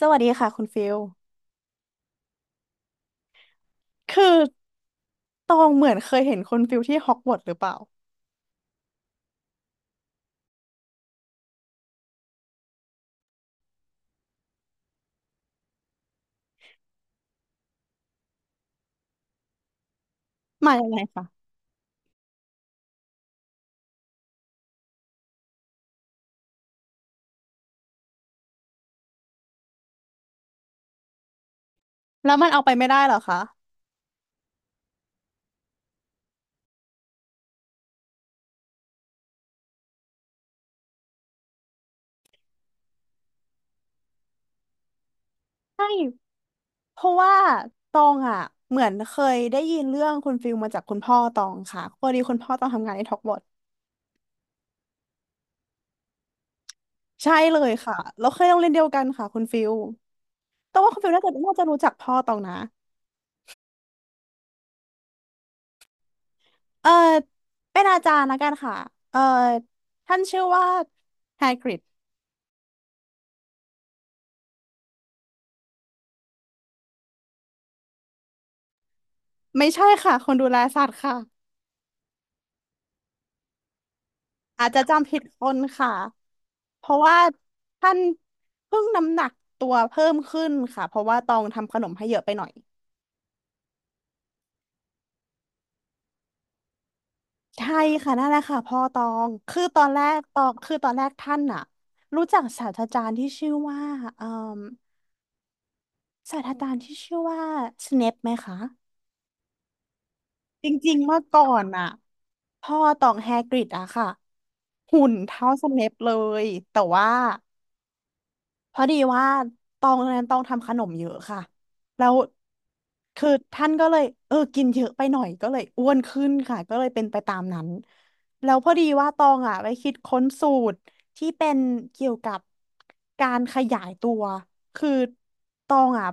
สวัสดีค่ะคุณฟิลคือตองเหมือนเคยเห็นคุณฟิลที่ฮอกวอตส์หรือเปล่ามายังไงคะแล้วมันเอาไปไม่ได้เหรอคะ ใช่ เพราะว่าตองอ่ะเหมือนเคยได้ยินเรื่องคุณฟิลมาจากคุณพ่อตองค่ะพอดีคุณพ่อตองทำงานในฮอกวอตส์ใช่เลยค่ะแล้วเคยโรงเรียนเดียวกันค่ะคุณฟิลตองว่าคุณฟิลน่าจะรู้จักพ่อตองนะเออเป็นอาจารย์ละกันค่ะเออท่านชื่อว่าแฮกริดไม่ใช่ค่ะ คนดูแลสัตว์ค่ะ อาจจะจำผิดคนค่ะ เพราะว่าท่านเพิ่งน้ำหนักตัวเพิ่มขึ้นค่ะเพราะว่าตองทำขนมให้เยอะไปหน่อยใช่ค่ะนั่นแหละค่ะพ่อตองคือตอนแรกตองคือตอนแรกท่านน่ะรู้จักศาสตราจารย์ที่ชื่อว่าเอ่อศาสตราจารย์ที่ชื่อว่าสเนปไหมคะจริงๆเมื่อก่อนน่ะพ่อตองแฮกริดอะค่ะหุ่นเท่าสเนปเลยแต่ว่า พอดีว่าตองนั้นตองทำขนมเยอะค่ะแล้วคือท่านก็เลยกินเยอะไปหน่อยก็เลยอ้วนขึ้นค่ะก็เลยเป็นไปตามนั้นแล้วพอดีว่าตองอ่ะไปคิดค้นสูตรที่เป็นเกี่ยวกับการขยายตัวคือตองอ่ะ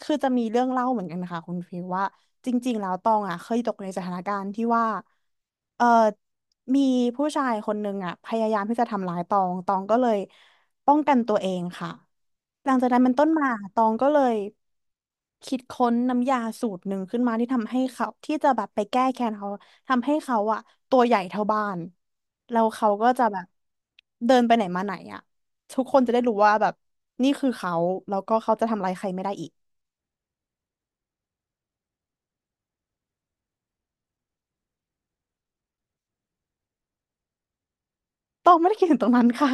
คือจะมีเรื่องเล่าเหมือนกันนะคะคุณฟิวว่าจริงๆแล้วตองอ่ะเคยตกในสถานการณ์ที่ว่าเออมีผู้ชายคนหนึ่งอ่ะพยายามที่จะทำร้ายตองตองก็เลย ป้องกันตัวเองค่ะหลังจากนั้นมันต้นมาตองก็เลยคิดค้นน้ำยาสูตรหนึ่งขึ้นมาที่ทำให้เขาที่จะแบบไปแก้แค้นเขาทำให้เขาอะตัวใหญ่เท่าบ้านแล้วเขาก็จะแบบเดินไปไหนมาไหนอะทุกคนจะได้รู้ว่าแบบนี่คือเขาแล้วก็เขาจะทำอะไรใครไม่ได้อีกตองไม่ได้คิดถึงตรงนั้นค่ะ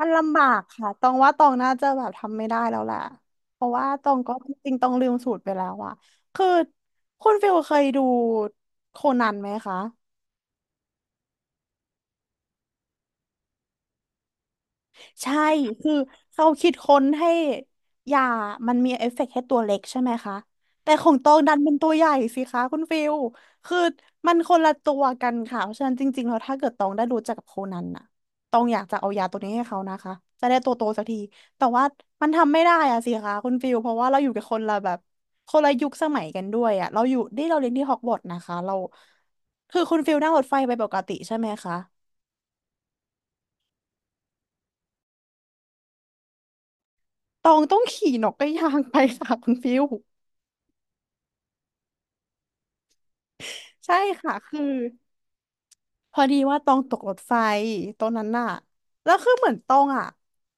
มันลำบากค่ะตองว่าตองน่าจะแบบทำไม่ได้แล้วแหละ เพราะว่าตองก็จริงๆตองลืมสูตรไปแล้วอะคือคุณฟิลเคยดูโคนันไหมคะ ใช่คือเขาคิดค้นให้ยามันมีเอฟเฟกต์ให้ตัวเล็กใช่ไหมคะแต่ของตองดันเป็นตัวใหญ่สิคะคุณฟิลคือมันคนละตัวกันค่ะเพราะฉะนั้นจริงๆแล้วถ้าเกิดตองได้รู้จักกับโคนันน่ะตองอยากจะเอายาตัวนี้ให้เขานะคะจะได้ตัวโตสักทีแต่ว่ามันทำไม่ได้อะสิคะคุณฟิลเพราะว่าเราอยู่กับคนละแบบคนละยุคสมัยกันด้วยอะเราอยู่ที่เราเรียนที่ฮอกวอตส์นะคะเราคือคุณฟิลนั่งรถไฟไปปกติใช่ไหมคะตองต้องขี่นกกระยางไปค่ะคุณฟิล ใช่ค่ะคือพอดีว่าตองตกรถไฟตรงนั้นน่ะแล้วคือเหมือนตองอ่ะ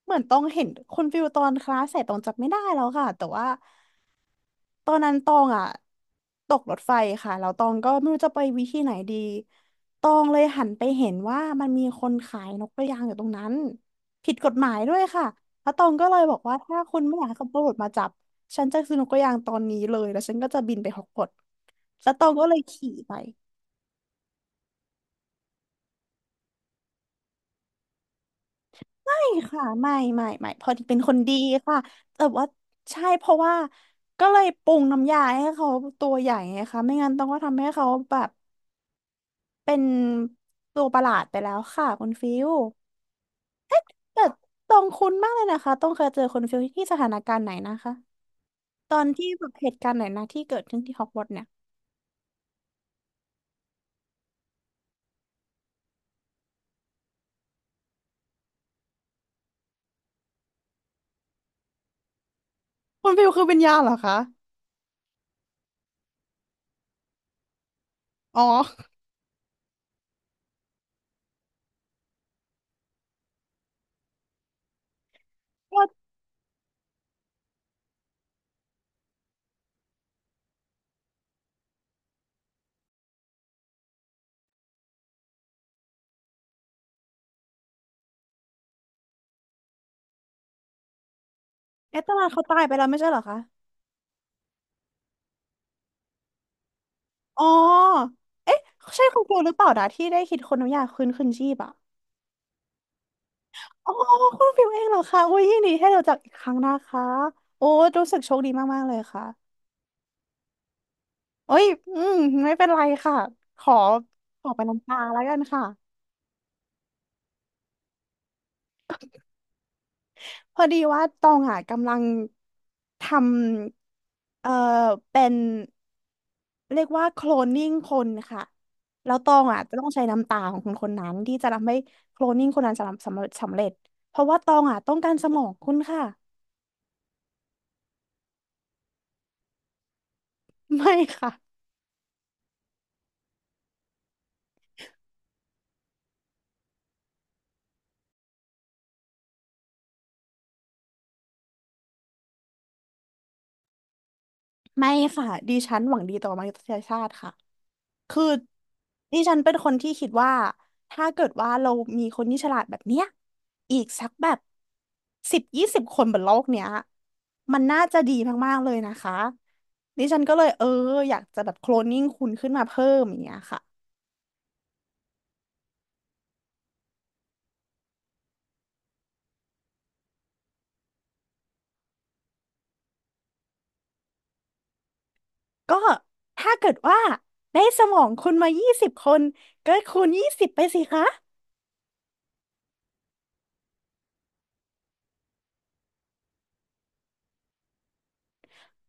เหมือนตองเห็นคุณฟิวตอนคลาสเสร็จตองจำไม่ได้แล้วค่ะแต่ว่าตอนนั้นตองอ่ะตกรถไฟค่ะแล้วตองก็ไม่รู้จะไปวิธีไหนดีตองเลยหันไปเห็นว่ามันมีคนขายนกกระยางอยู่ตรงนั้นผิดกฎหมายด้วยค่ะแล้วตองก็เลยบอกว่าถ้าคุณไม่อยากให้ตำรวจมาจับฉันจะซื้อนกกระยางตอนนี้เลยแล้วฉันก็จะบินไปฮอกวอตส์แล้วตองก็เลยขี่ไป ไม่ค่ะไม่ไม่ไม่พอดีเป็นคนดีค่ะแต่ว่าใช่เพราะว่าก็เลยปรุงน้ำยาให้เขาตัวใหญ่ไงคะไม่งั้นต้องก็ทำให้เขาแบบเป็นตัวประหลาดไปแล้วค่ะคุณฟิวแต่ตองคุ้นมากเลยนะคะต้องเคยเจอคุณฟิวที่สถานการณ์ไหนนะคะตอนที่แบบเหตุการณ์ไหนนะที่เกิดขึ้นที่ฮอกวอตส์เนี่ยคุณฟิวคือวิญญาณเหรอคะอ๋อก็เอตตลาเขาตายไปแล้วไม่ใช่เหรอคะอ๋อเอ๊ะใช่คุณฟิวหรือเปล่านะที่ได้คิดคนน้ำยาคืนชีพอะ โอ้คุณฟิวเองเหรอคะอุ้ยยินดีให้เราจากอีกครั้งนะคะโอ้รู้สึกโชคดีมากๆเลยค่ะโอ้ยอืมไม่เป็นไรค่ะขอขอไปน้ำตาแล้วกันค่ะพอดีว่าตองอ่ะกำลังทำเป็นเรียกว่าโคลนนิ่งคนค่ะแล้วตองอ่ะจะต้องใช้น้ำตาของคนคนนั้นที่จะทำให้โคลนนิ่งคนนั้นสำเร็จเพราะว่าตองอ่ะต้องการสมองคุณค่ะ ไม่ค่ะไม่ค่ะดิฉันหวังดีต่อมนุษยชาติค่ะ คือดิฉันเป็นคนที่คิดว่าถ้าเกิดว่าเรามีคนที่ฉลาดแบบเนี้ยอีกสักแบบสิบยี่สิบคนบนโลกเนี้ยมันน่าจะดีมากๆเลยนะคะดิฉันก็เลยอยากจะแบบโคลนนิ่งคุณขึ้นมาเพิ่มอย่างเงี้ยค่ะก็ถ้าเกิดว่าได้สมองคุณมายี่สิบคนก็คูณยี่สิบไปสิคะ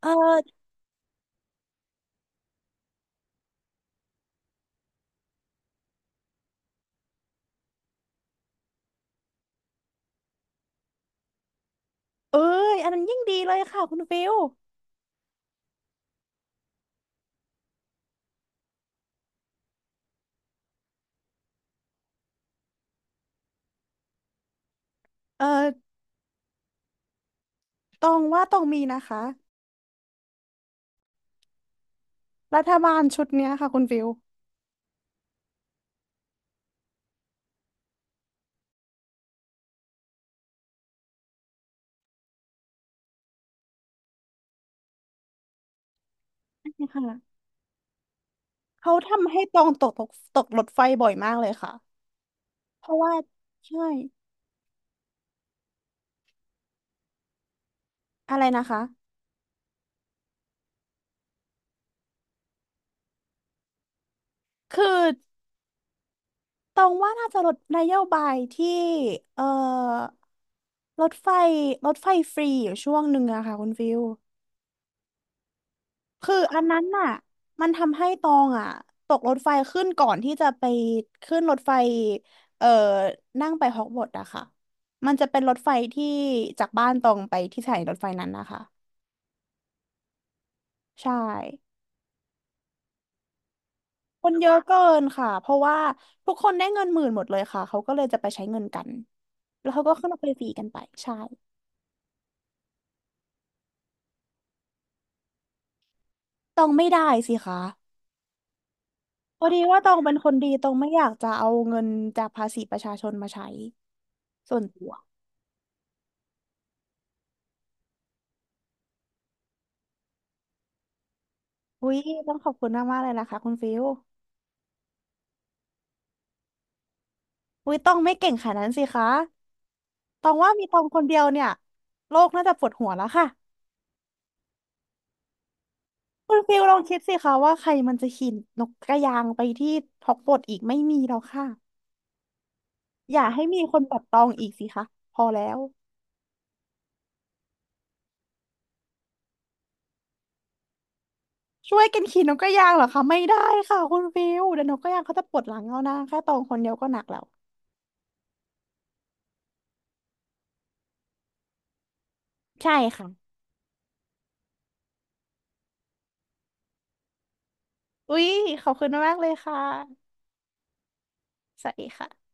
เออเอ้ยอันนั้นยิ่งดีเลยค่ะคุณฟิลเออตองว่าตองมีนะคะรัฐบาลชุดเนี้ยค่ะคุณฟิลใช่ค่ะ เขาทำให้ตองตกรถไฟบ่อยมากเลยค่ะ เพราะว่าใช่อะไรนะคะ คือตองว่าน่าจะลดนโยบายที่เอ่อรถไฟรถไฟฟรีอยู่ช่วงหนึ่งอะค่ะคุณฟิว คืออันนั้นน่ะมันทำให้ตองอะตกรถไฟขึ้นก่อนที่จะไปขึ้นรถไฟเอ่อนั่งไปฮอกวอตส์อะค่ะมันจะเป็นรถไฟที่จากบ้านตองไปที่สถานีรถไฟนั้นนะคะใช่ คนเยอะเกินค่ะเพราะว่าทุกคนได้เงินหมื่นหมดเลยค่ะเขาก็เลยจะไปใช้เงินกันแล้วเขาก็ขึ้นรไปฟรีกันไปใช่ตองไม่ได้สิคะพอดีว่าตองเป็นคนดีตองไม่อยากจะเอาเงินจากภาษีประชาชนมาใช้ส่วนตัวอุ้ยต้องขอบคุณมากๆเลยนะคะคุณฟิลอุ้ยตองไม่เก่งขนาดนั้นสิคะตองว่ามีตองคนเดียวเนี่ยโลกน่าจะปวดหัวแล้วค่ะคุณฟิวลองคิดสิคะว่าใครมันจะขี่นกกระยางไปที่ฮอกวอตส์อีกไม่มีแล้วค่ะ อย่าให้มีคนแบบตองอีกสิคะพอแล้วช่วยกันขี่นกกระยางเหรอคะไม่ได้ค่ะคุณฟิวเดี๋ยวนกกระยางเขาจะปวดหลังเอานะแค่ตองคนเดียวก็หนักแล้วใช่ค่ะอุ๊ยขอบคุณมากเลยค่ะสวัสดีค่ะ